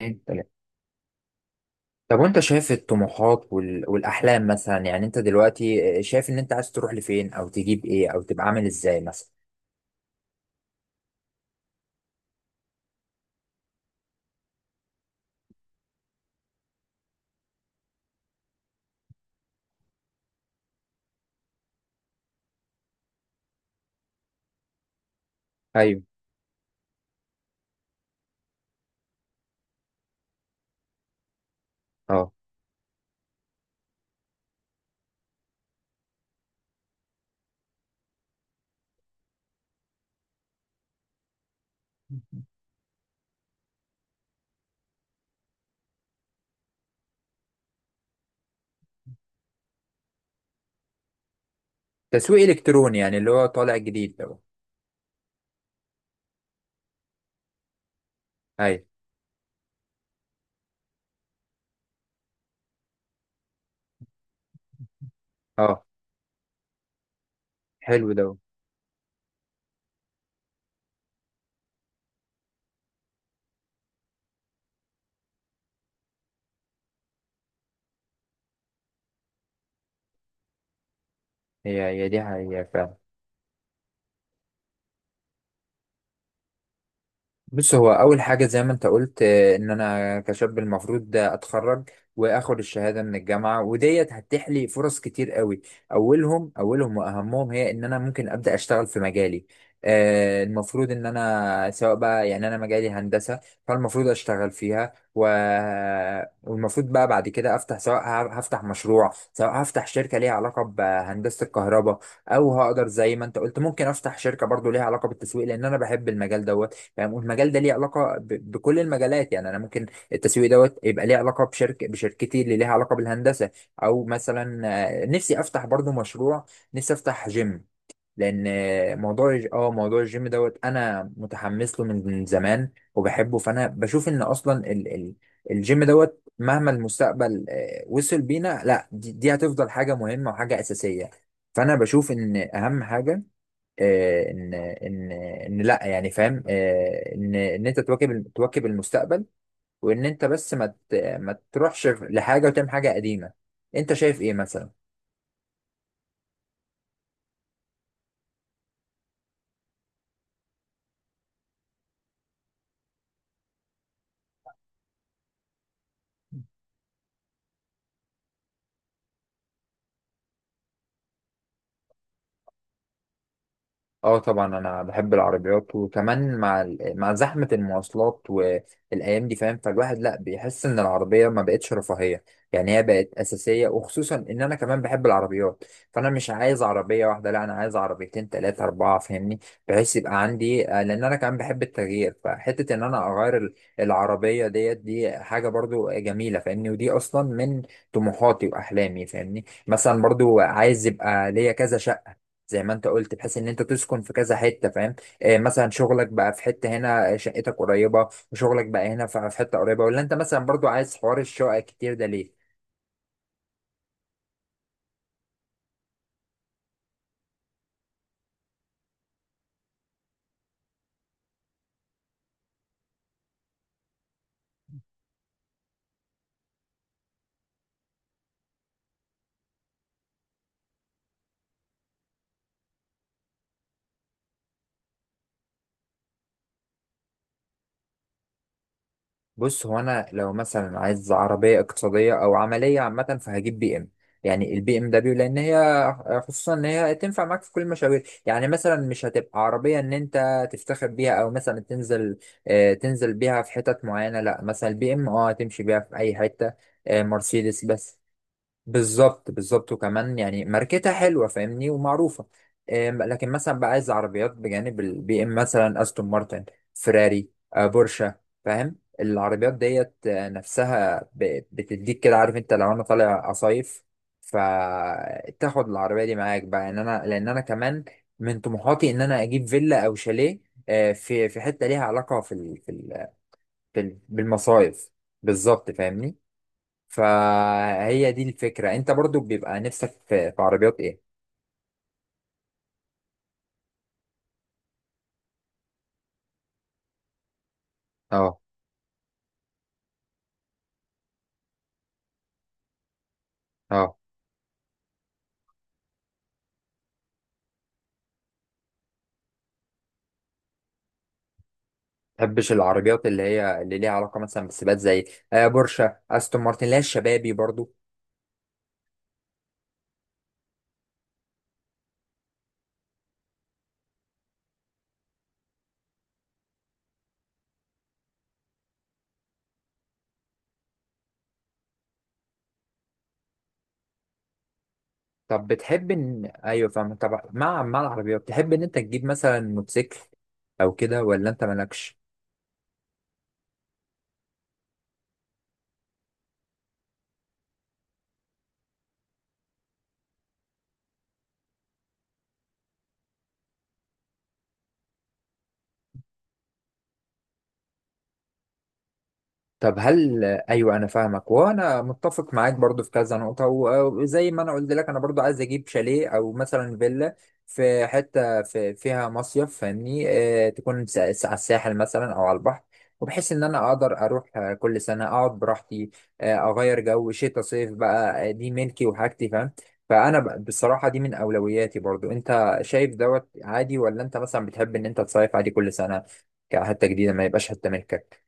اتنين، تلاتة. طب، وانت شايف الطموحات والاحلام مثلا، يعني انت دلوقتي شايف ان انت عايز تروح لفين او تجيب ايه او تبقى عامل ازاي مثلا؟ ايوه. اه. تسويق الكتروني يعني اللي هو طالع جديد ده. ايوه. اه. حلو ده. هي هي دي حقيقة فعلا. بص، هو اول حاجه زي ما انت قلت ان انا كشاب المفروض ده اتخرج واخد الشهاده من الجامعه، وديت هتتيح لي فرص كتير قوي. اولهم اولهم واهمهم هي ان انا ممكن ابدا اشتغل في مجالي. المفروض ان انا سواء بقى، يعني انا مجالي هندسه، فالمفروض اشتغل فيها. والمفروض بقى بعد كده افتح، سواء هفتح مشروع، سواء هفتح شركه ليها علاقه بهندسه الكهرباء، او هقدر زي ما انت قلت ممكن افتح شركه برضو ليها علاقه بالتسويق لان انا بحب المجال ده. فاهم؟ والمجال ده ليه علاقه بكل المجالات، يعني انا ممكن التسويق دوت يبقى ليه علاقه بشركتي اللي ليها علاقه بالهندسه، او مثلا نفسي افتح برضو مشروع، نفسي افتح جيم، لان موضوع موضوع الجيم دوت انا متحمس له من زمان وبحبه. فانا بشوف ان اصلا ال ال الجيم دوت، مهما المستقبل وصل بينا، لا دي هتفضل حاجه مهمه وحاجه اساسيه. فانا بشوف ان اهم حاجه، ان لا يعني، فاهم؟ آه، ان ان انت تواكب المستقبل، وان انت بس ما تروحش لحاجه وتعمل حاجه قديمه. انت شايف ايه مثلا؟ اه طبعا، انا بحب العربيات، وكمان مع مع زحمه المواصلات والايام دي، فاهم؟ فالواحد لا بيحس ان العربيه ما بقتش رفاهيه، يعني هي بقت اساسيه. وخصوصا ان انا كمان بحب العربيات، فانا مش عايز عربيه واحده، لا انا عايز عربيتين، ثلاثه، اربعه، فاهمني؟ بحيث يبقى عندي لان انا كمان بحب التغيير، فحته ان انا اغير العربيه ديت، دي حاجه برضو جميله، فاهمني؟ ودي اصلا من طموحاتي واحلامي، فاهمني؟ مثلا برضو عايز يبقى ليا كذا شقه، زي ما انت قلت، بحيث ان انت تسكن في كذا حته، فاهم؟ مثلا شغلك بقى في حته هنا، شقتك قريبه وشغلك بقى هنا في حته قريبه، ولا انت مثلا برضو عايز حوار الشقق كتير ده ليه؟ بص، هو انا لو مثلا عايز عربيه اقتصاديه او عمليه عامه فهجيب بي ام، يعني البي ام دبليو، لان هي خصوصا ان هي تنفع معاك في كل المشاوير، يعني مثلا مش هتبقى عربيه ان انت تفتخر بيها او مثلا تنزل، تنزل بيها في حتت معينه، لا مثلا البي ام تمشي بيها في اي حته. مرسيدس بس. بالظبط، بالظبط، وكمان يعني ماركتها حلوه، فاهمني؟ ومعروفه. لكن مثلا بقى عايز عربيات بجانب البي ام، مثلا استون مارتن، فيراري، بورشة، فاهم؟ العربيات ديت نفسها بتديك كده، عارف؟ انت لو انا طالع اصيف فتاخد العربيه دي معاك بقى، ان انا، لان انا كمان من طموحاتي ان انا اجيب فيلا او شاليه، في حته ليها علاقه بالمصايف، بالظبط، فاهمني؟ فهي دي الفكرة. انت برضو بيبقى نفسك في عربيات ايه؟ اه. اه. تحبش العربيات اللي هي اللي ليها علاقة مثلا بالسباقات، زي بورشة، استون مارتن، اللي هي الشبابي برضو؟ طب بتحب ان، ايوه فاهم، طب مع العربيات تحب ان انت تجيب مثلا موتوسيكل او كده، ولا انت مالكش؟ طب هل، ايوه، انا فاهمك، وانا متفق معاك برضو في كذا نقطه، وزي ما انا قلت لك انا برضو عايز اجيب شاليه او مثلا فيلا في حته في فيها مصيف، فاهمني؟ تكون على الساحل مثلا او على البحر، وبحيث ان انا اقدر اروح كل سنه اقعد براحتي. اغير جو، شتاء صيف بقى، دي ملكي وحاجتي، فاهم؟ فانا بصراحه دي من اولوياتي برضو. انت شايف دوت عادي ولا انت مثلا بتحب ان انت تصيف عادي كل سنه كحته جديده، ما يبقاش حته ملكك؟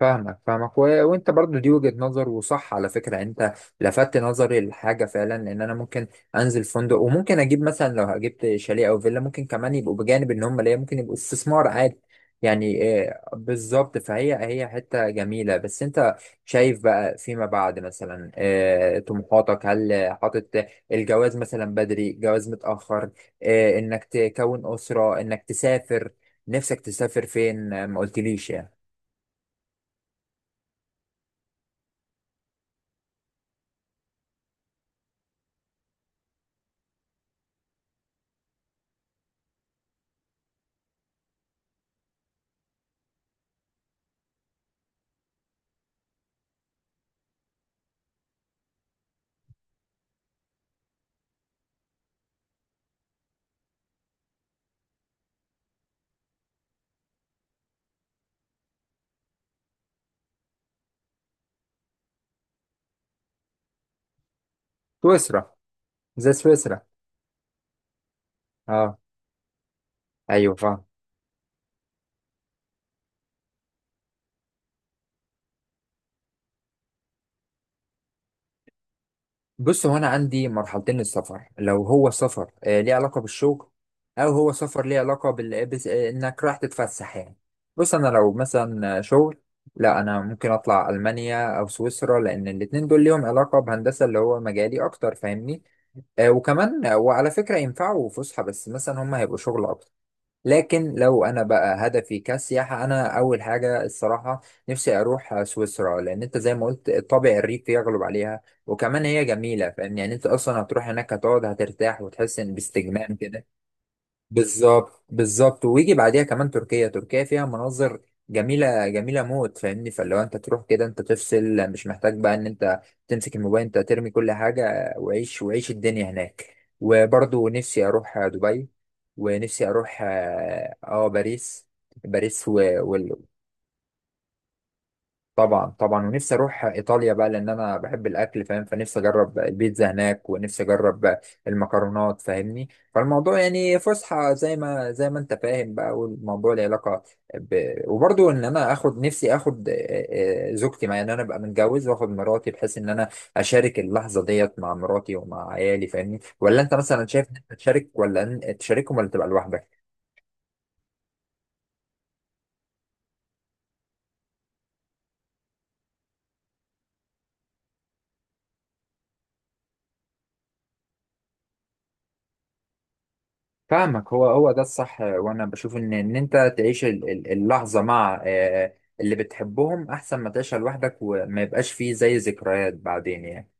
فاهمك، فاهمك، وانت برضو دي وجهة نظر، وصح على فكرة، يعني انت لفتت نظري لحاجة فعلا، لان انا ممكن انزل فندق، وممكن اجيب مثلا، لو جبت شاليه او فيلا ممكن كمان يبقوا بجانب ان هم ليا ممكن يبقوا استثمار عادي، يعني بالظبط. فهي هي حتة جميلة. بس انت شايف بقى فيما بعد مثلا طموحاتك، هل حاطط الجواز مثلا بدري، جواز متأخر؟ انك تكون أسرة، انك تسافر، نفسك تسافر فين؟ ما قلتليش يعني. سويسرا، زي سويسرا. اه. ايوه فاهم. بص، هو انا عندي مرحلتين للسفر، لو هو سفر ليه علاقه بالشغل، او هو سفر ليه علاقه بال... بس... آه انك رايح تتفسح يعني. بص، انا لو مثلا شغل، لا انا ممكن اطلع المانيا او سويسرا لان الاتنين دول ليهم علاقه بهندسه اللي هو مجالي اكتر، فاهمني؟ وكمان وعلى فكره ينفعوا فسحه، بس مثلا هم هيبقوا شغل اكتر. لكن لو انا بقى هدفي كسياحه، انا اول حاجه الصراحه نفسي اروح سويسرا، لان انت زي ما قلت الطابع الريفي يغلب عليها، وكمان هي جميله، فاهم؟ يعني انت اصلا هتروح هناك هتقعد هترتاح وتحس ان باستجمام كده. بالظبط، بالظبط. ويجي بعديها كمان تركيا. تركيا فيها مناظر جميلة، جميلة موت، فاهمني؟ فلو انت تروح كده انت تفصل، مش محتاج بقى ان انت تمسك الموبايل، انت ترمي كل حاجة وعيش وعيش الدنيا هناك. وبرضو نفسي اروح دبي، ونفسي اروح باريس. باريس وال- طبعا، طبعا. ونفسي اروح ايطاليا بقى، لان انا بحب الاكل، فاهم؟ فنفسي اجرب البيتزا هناك، ونفسي اجرب المكرونات، فاهمني؟ فالموضوع يعني فسحه، زي ما انت فاهم بقى. والموضوع له علاقه وبرضو ان انا اخد، نفسي اخد زوجتي معايا، ان انا ابقى متجوز واخد مراتي، بحيث ان انا اشارك اللحظه ديت مع مراتي ومع عيالي، فاهمني؟ ولا انت مثلا شايف ان انت تشارك، ولا تشاركهم، ولا تبقى لوحدك؟ فاهمك. هو هو ده الصح. وانا بشوف ان انت تعيش اللحظه مع اللي بتحبهم، احسن ما تعيشها لوحدك وما يبقاش فيه زي ذكريات بعدين يعني.